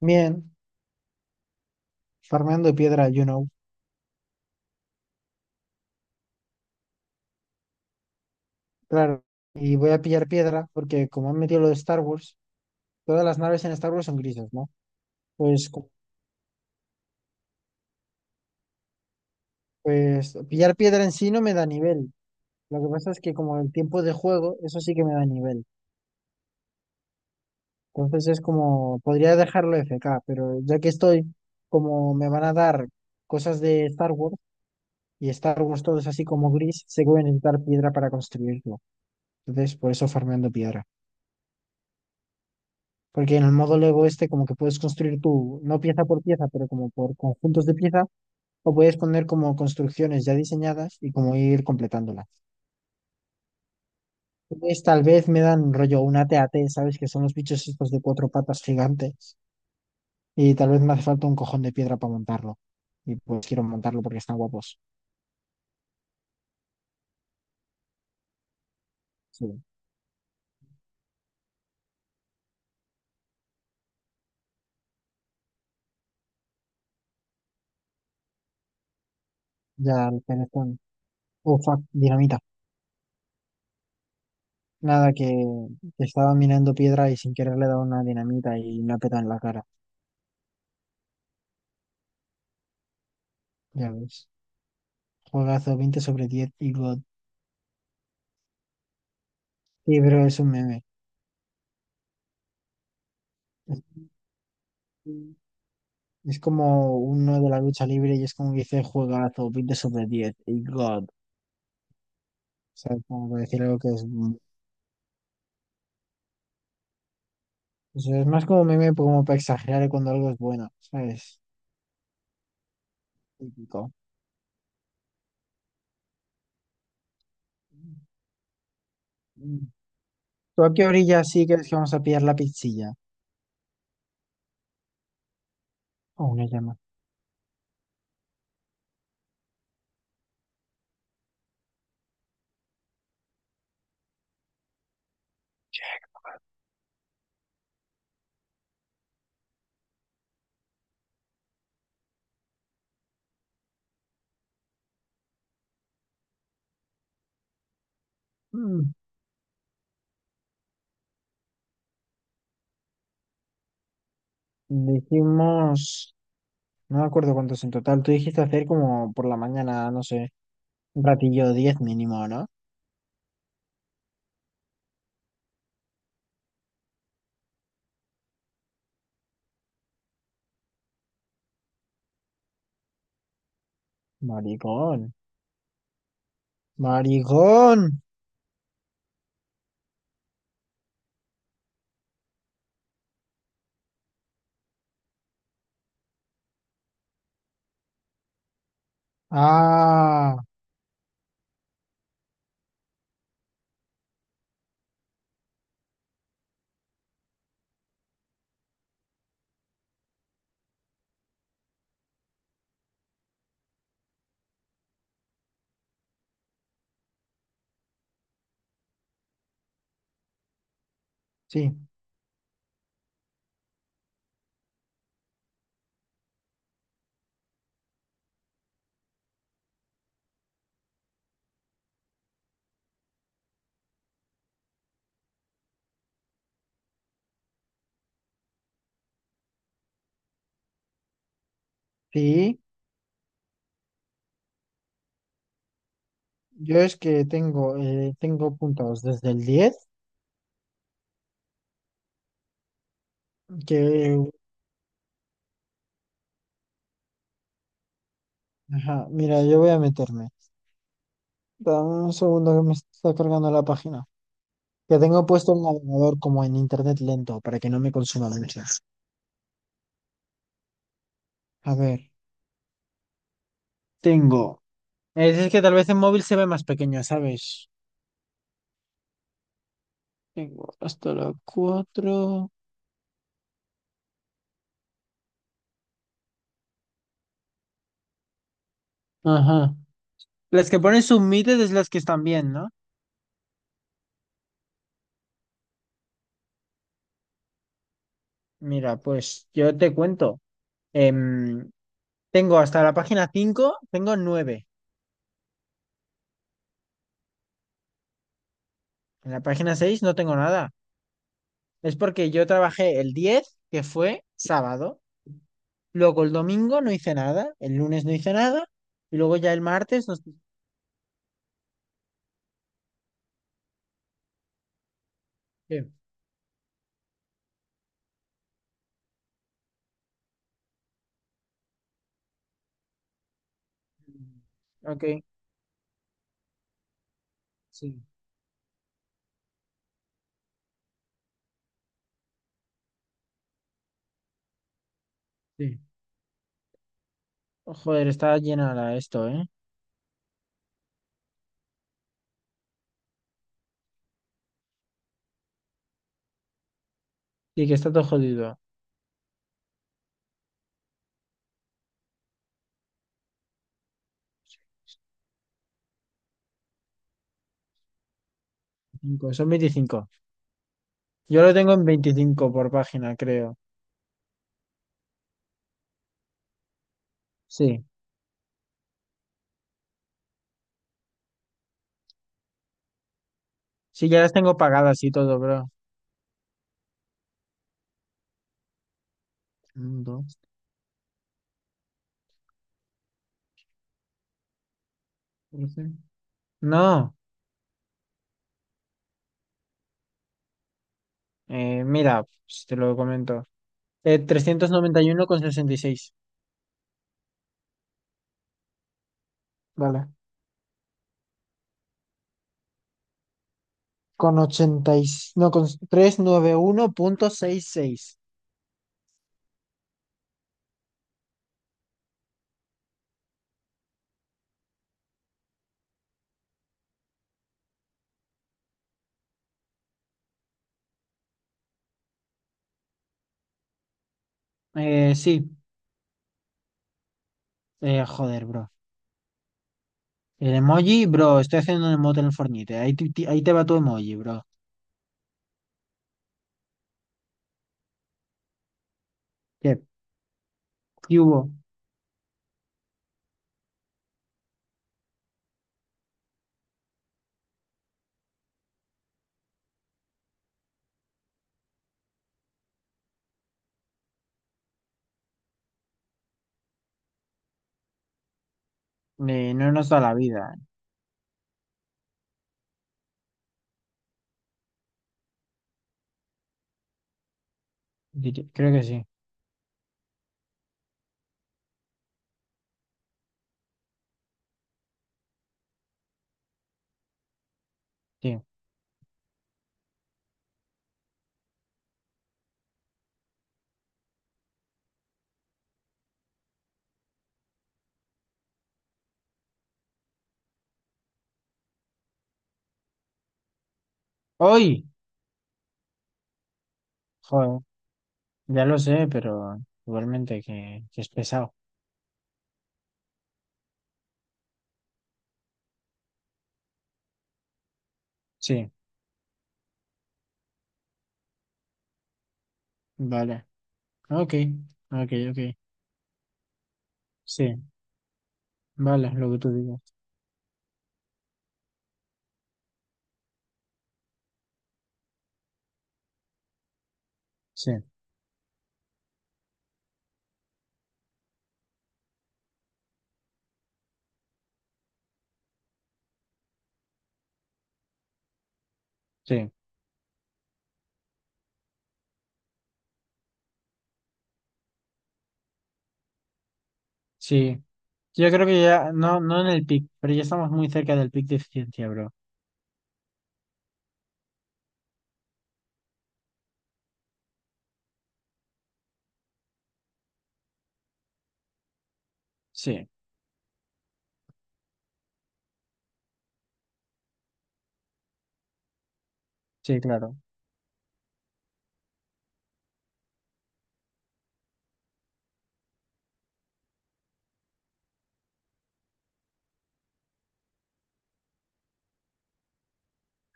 Bien, farmeando piedra, you know. Claro. Y voy a pillar piedra porque como han metido lo de Star Wars, todas las naves en Star Wars son grises, ¿no? Pues, co- pues pillar piedra en sí no me da nivel. Lo que pasa es que como el tiempo de juego, eso sí que me da nivel. Entonces es como, podría dejarlo FK, pero ya que estoy, como me van a dar cosas de Star Wars y Star Wars todo es así como gris, sé que voy a necesitar piedra para construirlo. Entonces, por eso farmeando piedra. Porque en el modo Lego este como que puedes construir tú, no pieza por pieza, pero como por conjuntos de piezas, o puedes poner como construcciones ya diseñadas y como ir completándolas. Entonces, tal vez me dan rollo una TAT, ¿sabes? Que son los bichos estos de cuatro patas gigantes y tal vez me hace falta un cojón de piedra para montarlo. Y pues quiero montarlo porque están guapos. Sí, ya el teléfono. Oh, fuck, dinamita. Nada, que estaba mirando piedra y sin querer le he dado una dinamita y me ha petado en la cara. Ya ves. Juegazo 20 sobre 10 y God. Sí, pero es un meme. Es, es como uno de la lucha libre y es como que dice juegazo, 20 sobre 10 y God. O sea, es como para decir algo que es. O sea, es más como meme, como para exagerar cuando algo es bueno, ¿sabes? Típico. ¿Tú a qué orilla sí crees que vamos a pillar la pizzilla? O una llama. Mm. Dijimos. No me acuerdo cuántos en total. Tú dijiste hacer como por la mañana, no sé, un ratillo 10 mínimo, ¿no? Maricón. Maricón. Ah. Sí, sí, yo es que tengo puntados desde el 10. que, ajá, mira, yo voy a meterme. Dame un segundo que me está cargando la página. Que tengo puesto el navegador como en internet lento para que no me consuma mucho. A ver, tengo. Es que tal vez en móvil se ve más pequeña, ¿sabes? Tengo hasta la cuatro. Ajá. Las que ponen submitted es las que están bien, ¿no? Mira, pues yo te cuento. Em, Tengo hasta la página cinco, tengo nueve. En la página 6 no tengo nada. Es porque yo trabajé el 10 que fue sábado. Luego el domingo no hice nada. El lunes no hice nada. Y luego ya el martes no sé qué. Ok, sí, sí. Oh, joder, está llena la esto, ¿eh? Sí, que está todo jodido. Cinco, son 25. Yo lo tengo en 25 por página, creo. Sí. Sí, ya las tengo pagadas y todo, bro. Un, dos, 13. No, mira, pues, te lo comento. 391,66. Vale. Con ochenta y, no, con 391,66. Sí. Joder, bro. El emoji, bro. Estoy haciendo un emote en el Fortnite. Ahí, ahí te va tu emoji, bro. ¿Qué, ¿Qué hubo? No nos da la vida. Creo que sí. Sí. ¡Hoy! Joder. Ya lo sé, pero igualmente que es pesado. Sí. Vale. Ok. Ok, ok. Sí. Vale, lo que tú digas. Sí. Sí. Sí. Yo creo que ya, no, no en el pic, pero ya estamos muy cerca del pic de eficiencia, bro. Sí, sí, claro,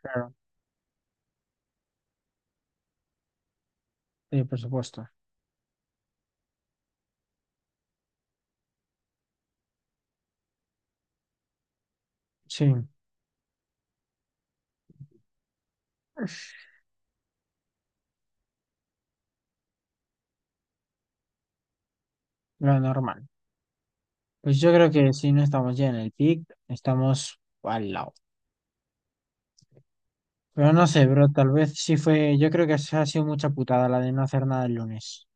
claro. Sí, por supuesto. Sí, lo normal. Pues yo creo que si no estamos ya en el pic, estamos al lado. Pero no sé, bro, tal vez sí fue, yo creo que se ha sido mucha putada la de no hacer nada el lunes.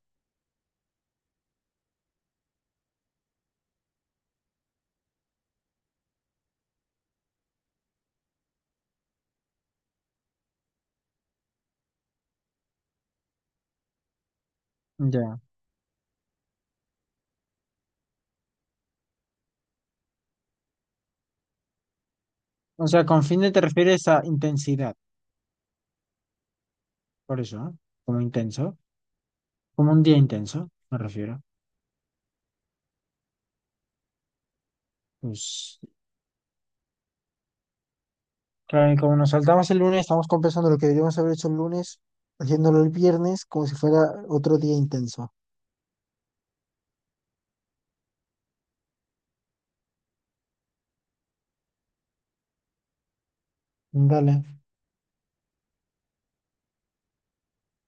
Ya. O sea, con fin de te refieres a intensidad, por eso, ¿no? Como intenso, como un día intenso, me refiero. Pues. Claro, y como nos saltamos el lunes, estamos compensando lo que deberíamos haber hecho el lunes, haciéndolo el viernes como si fuera otro día intenso. Dale.